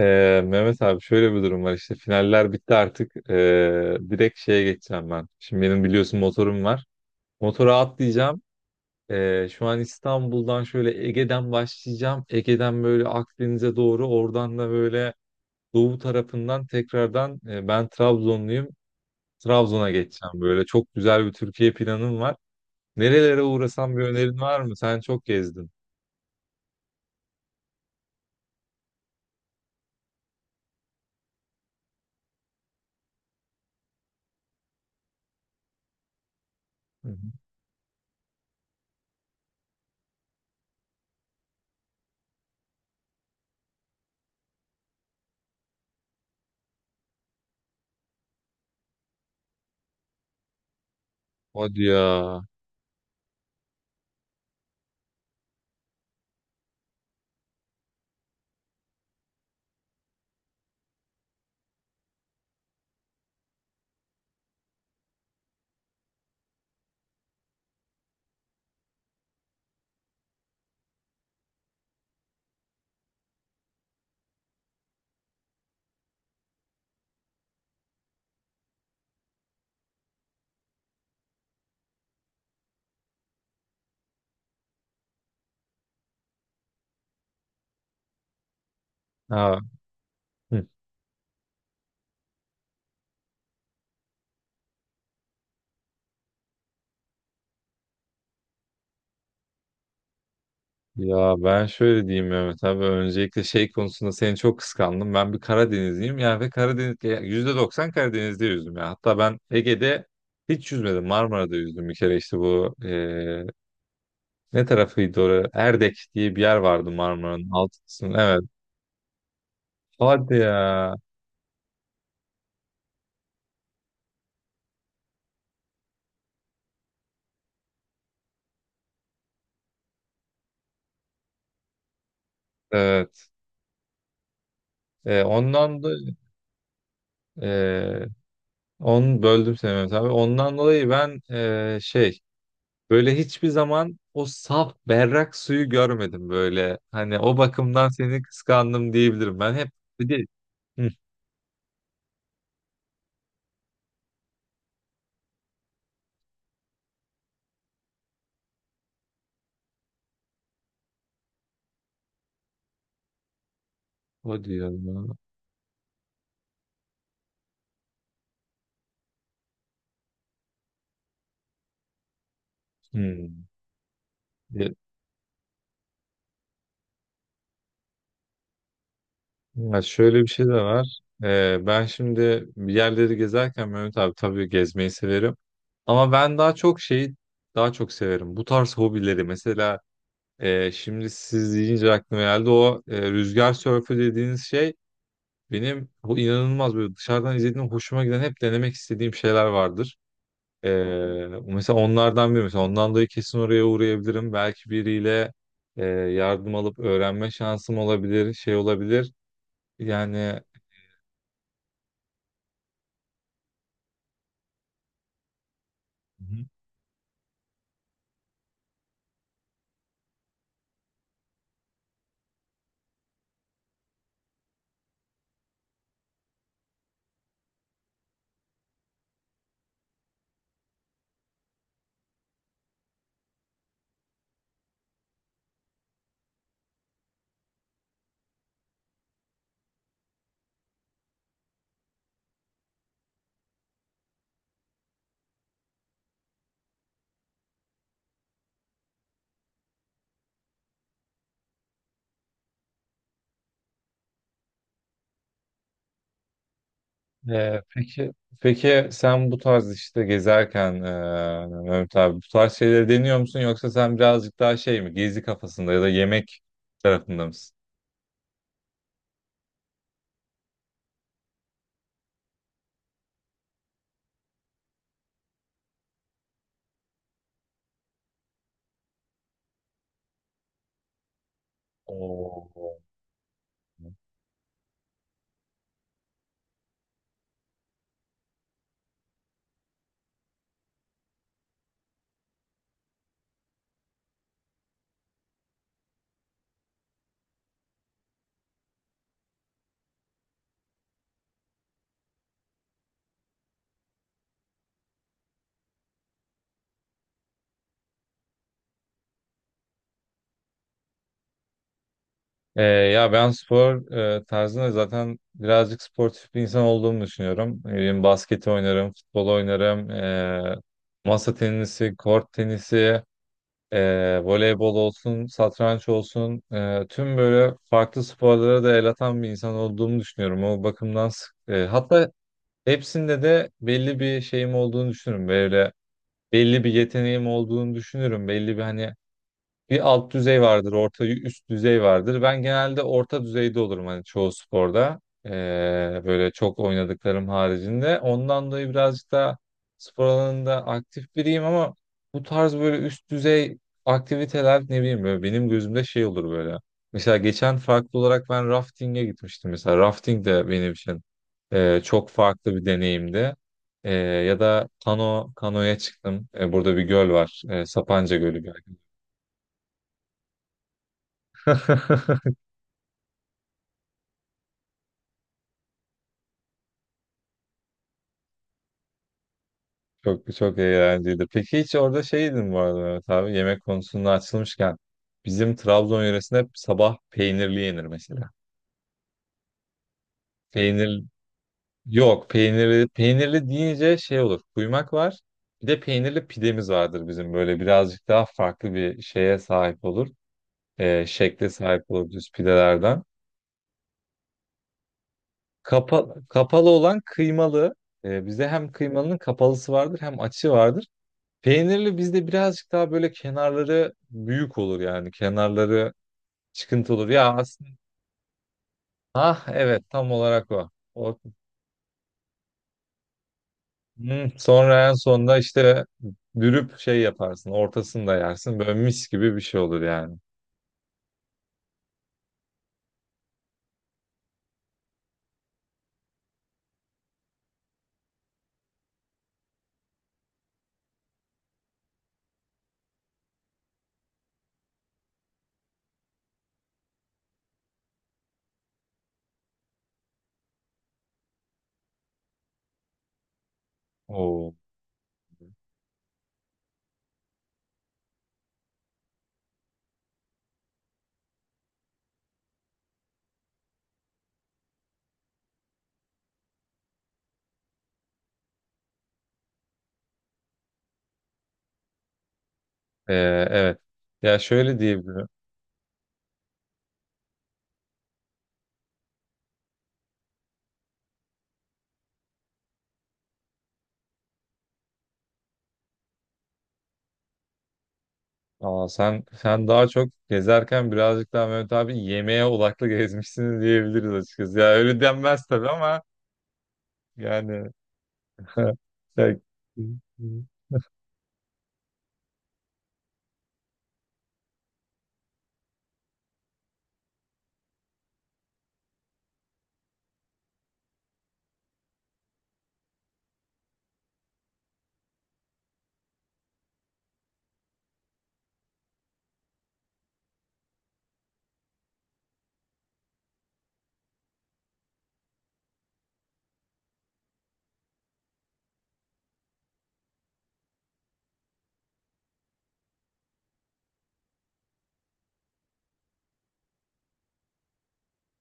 Mehmet abi, şöyle bir durum var, işte finaller bitti artık. Direkt şeye geçeceğim ben. Şimdi benim biliyorsun motorum var. Motora atlayacağım. Şu an İstanbul'dan şöyle Ege'den başlayacağım. Ege'den böyle Akdeniz'e doğru, oradan da böyle doğu tarafından tekrardan, ben Trabzonluyum. Trabzon'a geçeceğim böyle. Çok güzel bir Türkiye planım var. Nerelere uğrasam, bir önerin var mı? Sen çok gezdin. Hı hı. Hadi ya. Ha. Ya ben şöyle diyeyim Mehmet abi, öncelikle şey konusunda seni çok kıskandım. Ben bir Karadenizliyim yani ve Karadeniz, ya %90 Karadeniz'de yüzdüm ya. Hatta ben Ege'de hiç yüzmedim. Marmara'da yüzdüm bir kere, işte bu ne tarafıydı orası? Erdek diye bir yer vardı, Marmara'nın alt kısmı. Evet. Hadi ya. Evet. Ondan da eee onu böldüm seni Mehmet abi. Ondan dolayı ben, şey, böyle hiçbir zaman o saf berrak suyu görmedim böyle. Hani o bakımdan seni kıskandım diyebilirim. Ben hep, bir de, Hı, o diyor ya. Hı. Ya, ya şöyle bir şey de var. Ben şimdi bir yerleri gezerken Mehmet abi, tabii gezmeyi severim. Ama ben daha çok şeyi daha çok severim. Bu tarz hobileri mesela, şimdi siz deyince aklıma geldi, o rüzgar sörfü dediğiniz şey benim o inanılmaz böyle dışarıdan izlediğim, hoşuma giden, hep denemek istediğim şeyler vardır. Ee, Mesela onlardan biri. Mesela ondan dolayı kesin oraya uğrayabilirim. Belki biriyle yardım alıp öğrenme şansım olabilir, şey olabilir. Yani. Hı. e, peki peki sen bu tarz işte gezerken Mehmet abi, bu tarz şeyleri deniyor musun, yoksa sen birazcık daha şey mi, gezi kafasında ya da yemek tarafında mısın? Oo. Ya ben spor tarzında zaten birazcık sportif bir insan olduğumu düşünüyorum. Ne bileyim, basket oynarım, futbol oynarım, masa tenisi, kort tenisi, voleybol olsun, satranç olsun. Tüm böyle farklı sporlara da el atan bir insan olduğumu düşünüyorum. O bakımdan hatta hepsinde de belli bir şeyim olduğunu düşünürüm. Böyle belli bir yeteneğim olduğunu düşünürüm. Belli bir, hani, bir alt düzey vardır, orta üst düzey vardır. Ben genelde orta düzeyde olurum hani, çoğu sporda. Ee, Böyle çok oynadıklarım haricinde. Ondan dolayı birazcık da spor alanında aktif biriyim, ama bu tarz böyle üst düzey aktiviteler, ne bileyim, böyle benim gözümde şey olur böyle. Mesela geçen farklı olarak ben rafting'e gitmiştim. Mesela rafting de benim için çok farklı bir deneyimdi. E, ya da kano, kanoya çıktım. E, burada bir göl var. E, Sapanca Gölü belki. Çok çok eğlenceliydi. Peki hiç orada şey yedin bu arada Mehmet abi, yemek konusunda açılmışken bizim Trabzon yöresinde hep sabah peynirli yenir mesela. Peynir, yok, peynirli, peynirli deyince şey olur, kuymak var, bir de peynirli pidemiz vardır bizim, böyle birazcık daha farklı bir şeye sahip olur. Şekle sahip olur, düz pidelerden. Kapalı olan kıymalı. Bizde hem kıymalının kapalısı vardır, hem açı vardır. Peynirli bizde birazcık daha böyle kenarları büyük olur yani. Kenarları çıkıntı olur. Ya aslında, ah evet, tam olarak o. O. Hmm, sonra en sonunda işte dürüp şey yaparsın. Ortasını da yersin. Böyle mis gibi bir şey olur yani. Oo. Ee, evet. Ya şöyle diyebilirim. Aa, sen sen daha çok gezerken birazcık daha Mehmet abi yemeğe odaklı gezmişsiniz diyebiliriz açıkçası. Ya öyle denmez tabii ama yani. Ya-.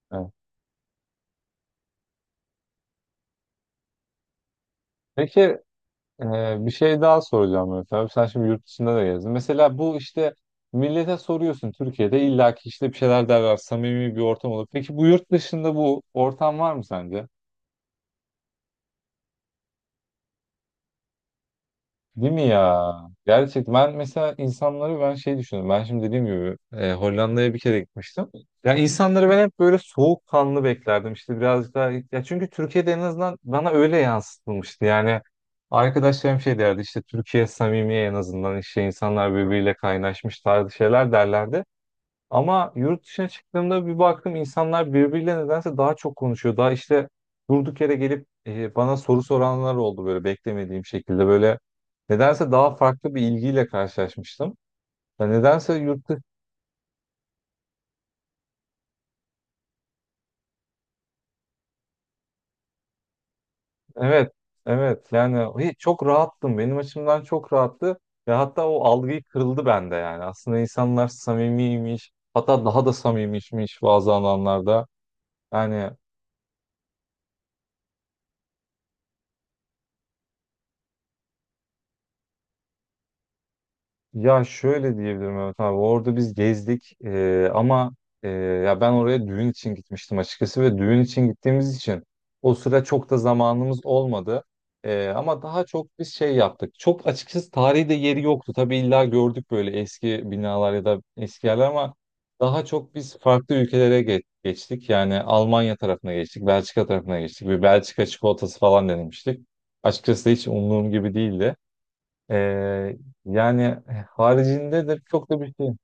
Ha. Peki, bir şey daha soracağım Mehmet abi. Sen şimdi yurt dışında da gezdin. Mesela bu, işte millete soruyorsun, Türkiye'de illaki işte bir şeyler derler. Samimi bir ortam olur. Peki bu, yurt dışında bu ortam var mı sence? Değil mi ya? Gerçekten ben mesela insanları ben şey düşünüyorum. Ben şimdi dediğim gibi Hollanda'ya bir kere gitmiştim. Ya insanları ben hep böyle soğukkanlı beklerdim. İşte birazcık daha, ya çünkü Türkiye'de en azından bana öyle yansıtılmıştı. Yani arkadaşlarım şey derdi, işte Türkiye samimi, en azından işte insanlar birbiriyle kaynaşmış tarzı şeyler derlerdi. Ama yurt dışına çıktığımda bir baktım insanlar birbiriyle nedense daha çok konuşuyor. Daha işte durduk yere gelip bana soru soranlar oldu, böyle beklemediğim şekilde. Böyle nedense daha farklı bir ilgiyle karşılaşmıştım. Ya nedense yurt dışı... Evet, evet yani, çok rahattım. Benim açımdan çok rahattı. Ve hatta o algıyı kırıldı bende yani. Aslında insanlar samimiymiş. Hatta daha da samimiymiş bazı alanlarda. Yani. Ya şöyle diyebilirim Mehmet abi. Orada biz gezdik, ama ya ben oraya düğün için gitmiştim açıkçası ve düğün için gittiğimiz için o sıra çok da zamanımız olmadı. Ama daha çok biz şey yaptık. Çok açıkçası tarihi de yeri yoktu. Tabii illa gördük böyle eski binalar ya da eski yerler ama daha çok biz farklı ülkelere geçtik. Yani Almanya tarafına geçtik, Belçika tarafına geçtik. Bir Belçika çikolatası falan denemiştik. Açıkçası hiç umduğum gibi değildi. Ee, Yani haricinde de çok da bir şey.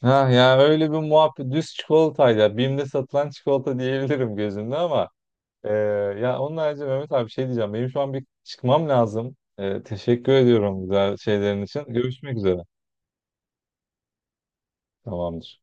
Ha ya, öyle bir muhabbet, düz çikolatayla Bimde satılan çikolata diyebilirim gözümde ama e, ya onun harici Mehmet abi şey diyeceğim, benim şu an bir çıkmam lazım. E, teşekkür ediyorum güzel şeylerin için. Görüşmek üzere. Tamamdır.